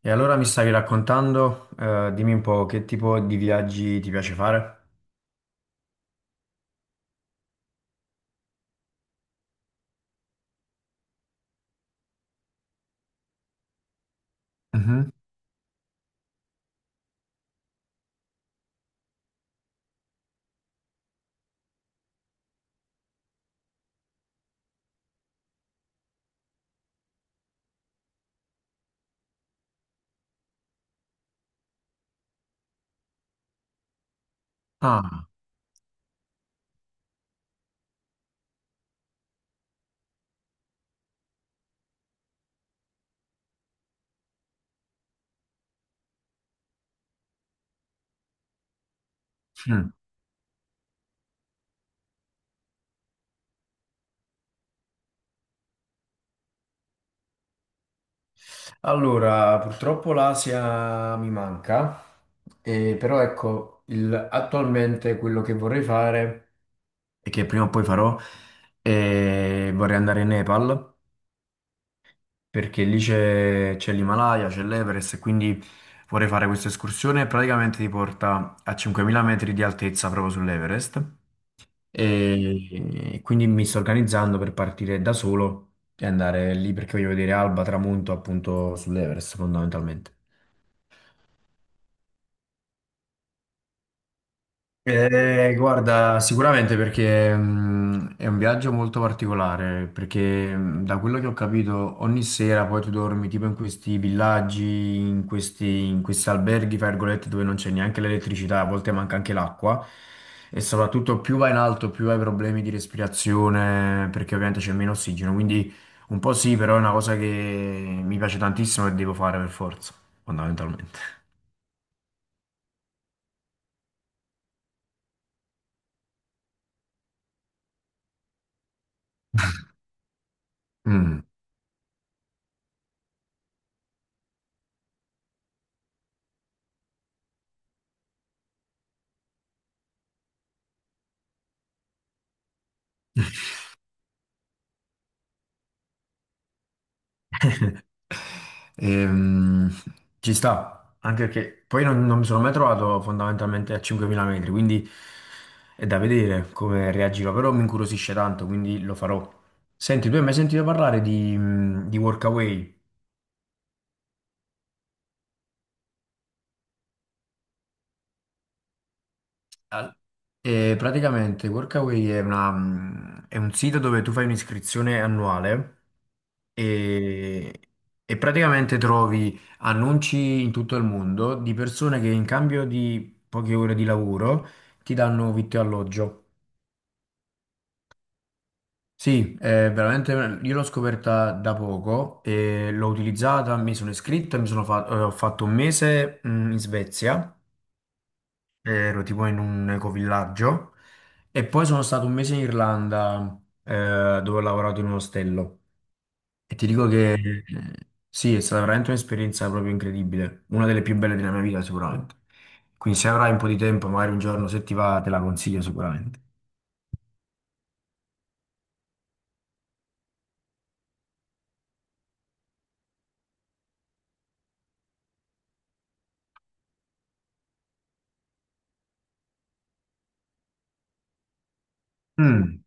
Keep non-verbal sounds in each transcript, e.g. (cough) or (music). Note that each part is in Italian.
E allora mi stavi raccontando, dimmi un po' che tipo di viaggi ti piace fare? Mhm. Ah, mm. Allora, purtroppo l'Asia mi manca, però ecco, attualmente quello che vorrei fare e che prima o poi farò è vorrei andare in Nepal perché lì c'è l'Himalaya, c'è l'Everest e quindi vorrei fare questa escursione praticamente ti porta a 5.000 metri di altezza proprio sull'Everest. E quindi mi sto organizzando per partire da solo e andare lì perché voglio vedere alba, tramonto appunto sull'Everest fondamentalmente. Guarda, sicuramente perché è un viaggio molto particolare, perché da quello che ho capito ogni sera poi tu dormi tipo in questi villaggi, in questi alberghi, fra virgolette, dove non c'è neanche l'elettricità, a volte manca anche l'acqua e soprattutto più vai in alto più hai problemi di respirazione perché ovviamente c'è meno ossigeno, quindi un po' sì, però è una cosa che mi piace tantissimo e devo fare per forza, fondamentalmente. Mm. (laughs) Ehm, ci sta, anche perché poi non mi sono mai trovato fondamentalmente a 5.000 metri, quindi è da vedere come reagirò, però mi incuriosisce tanto, quindi lo farò. Senti, tu hai mai sentito parlare di Workaway? Al- E praticamente Workaway è un sito dove tu fai un'iscrizione annuale e, e praticamente trovi annunci in tutto il mondo di persone che in cambio di poche ore di lavoro ti danno vitto e alloggio. Sì, è veramente, io l'ho scoperta da poco e l'ho utilizzata, mi sono iscritto, ho fatto un mese in Svezia ero tipo in un ecovillaggio e poi sono stato un mese in Irlanda dove ho lavorato in un ostello e ti dico che sì, è stata veramente un'esperienza proprio incredibile, una delle più belle della mia vita sicuramente. Quindi se avrai un po' di tempo, magari un giorno se ti va, te la consiglio sicuramente. Mm.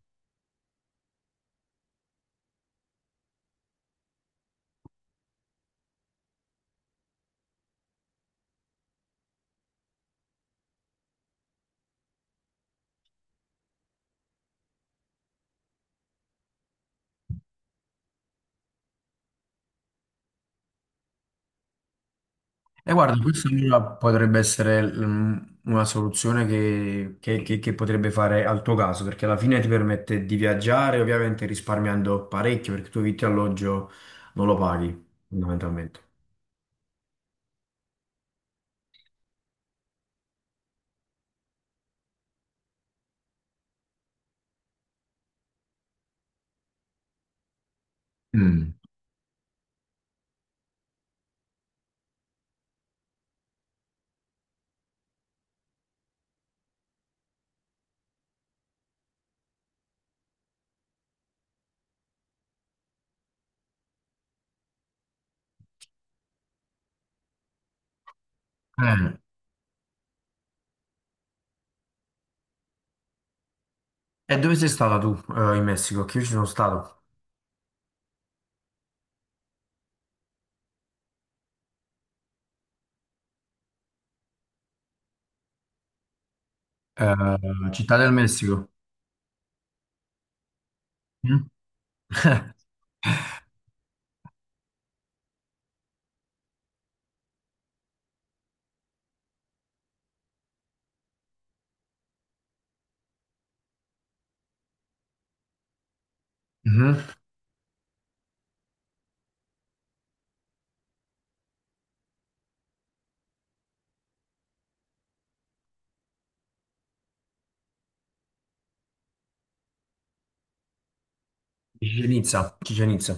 E guarda, questa allora potrebbe essere una soluzione che potrebbe fare al tuo caso, perché alla fine ti permette di viaggiare, ovviamente risparmiando parecchio, perché tu vitto e alloggio non lo paghi, fondamentalmente. Mm. Eh, E dove sei stata tu, in Messico? Che io ci sono stato. Eh, Città del Messico. Mm? (laughs) Mhm. Chichén Itzá, Chichén Itzá.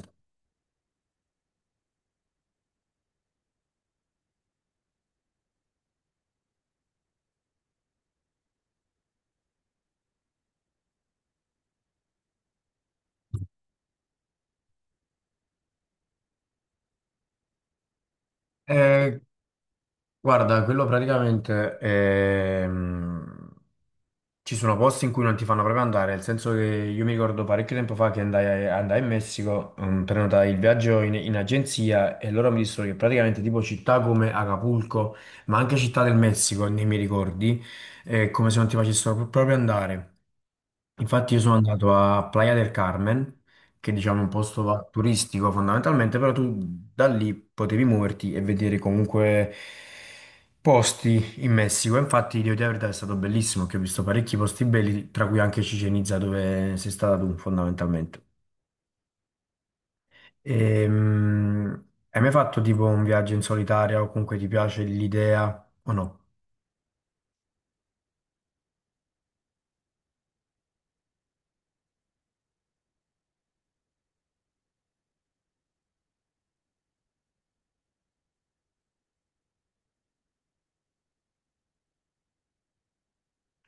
Eh, guarda, quello praticamente ci sono posti in cui non ti fanno proprio andare, nel senso che io mi ricordo parecchio tempo fa che andai in Messico, prenotai il viaggio in agenzia e loro mi dissero che praticamente tipo città come Acapulco, ma anche città del Messico, nei miei ricordi, è come se non ti facessero proprio andare. Infatti io sono andato a Playa del Carmen, che diciamo è un posto turistico fondamentalmente, però tu da lì potevi muoverti e vedere comunque posti in Messico. Infatti devo dire la verità è stato bellissimo, che ho visto parecchi posti belli, tra cui anche Chichén Itzá dove sei stata tu fondamentalmente. Hai mai fatto tipo un viaggio in solitaria o comunque ti piace l'idea o no?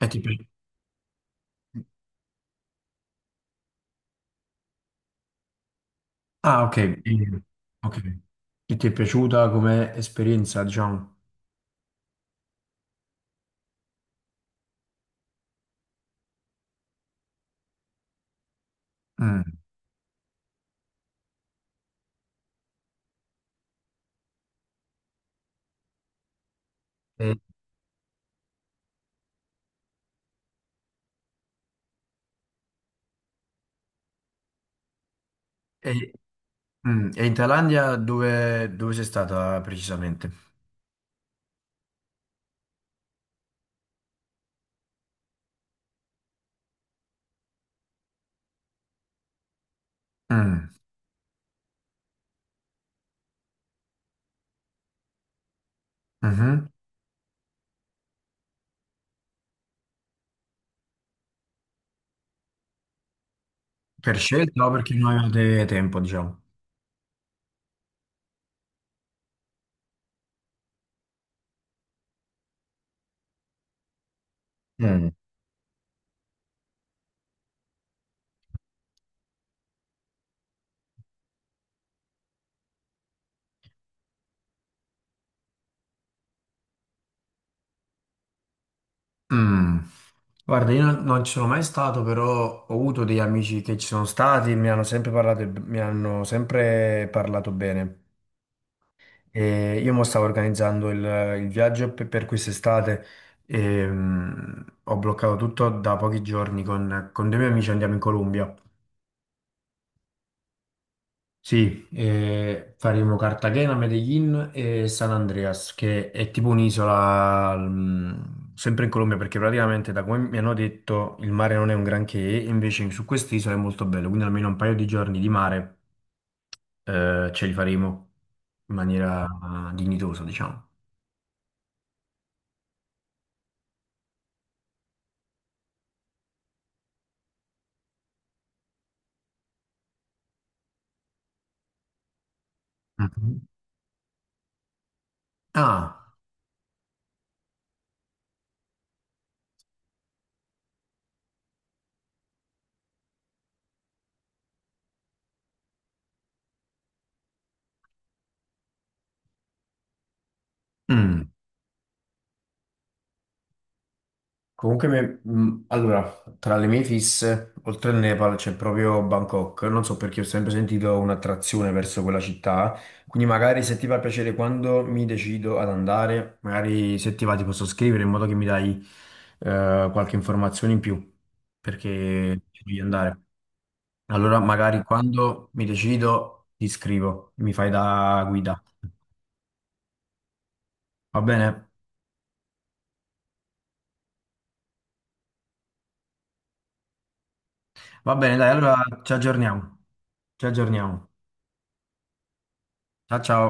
E ti pi- Ah, ok. Ok. Che ti è piaciuta come esperienza, diciamo? Mm. E, e- mm. E in Thailandia dove sei stata precisamente? Mm. Mhm. Per scelta o perché non avevate tempo, diciamo? Mm. Mm. Guarda, io non ci sono mai stato, però ho avuto degli amici che ci sono stati, mi hanno sempre parlato, mi hanno sempre parlato bene. E io mo stavo organizzando il viaggio per quest'estate e ho bloccato tutto da pochi giorni con dei miei amici andiamo in Colombia. Sì, faremo Cartagena, Medellin e San Andreas, che è tipo un'isola, sempre in Colombia, perché praticamente da come mi hanno detto il mare non è un granché, invece su quest'isola è molto bello, quindi almeno un paio di giorni di mare ce li faremo in maniera dignitosa, diciamo. Mhm. Ah, mm. Comunque, allora, tra le mie fisse, oltre al Nepal c'è proprio Bangkok. Non so perché ho sempre sentito un'attrazione verso quella città. Quindi, magari se ti fa piacere quando mi decido ad andare, magari se ti va ti posso scrivere in modo che mi dai qualche informazione in più perché ci voglio andare. Allora, magari quando mi decido ti scrivo, mi fai da guida. Va bene? Va bene, dai, allora ci aggiorniamo. Ci aggiorniamo. Ciao ciao.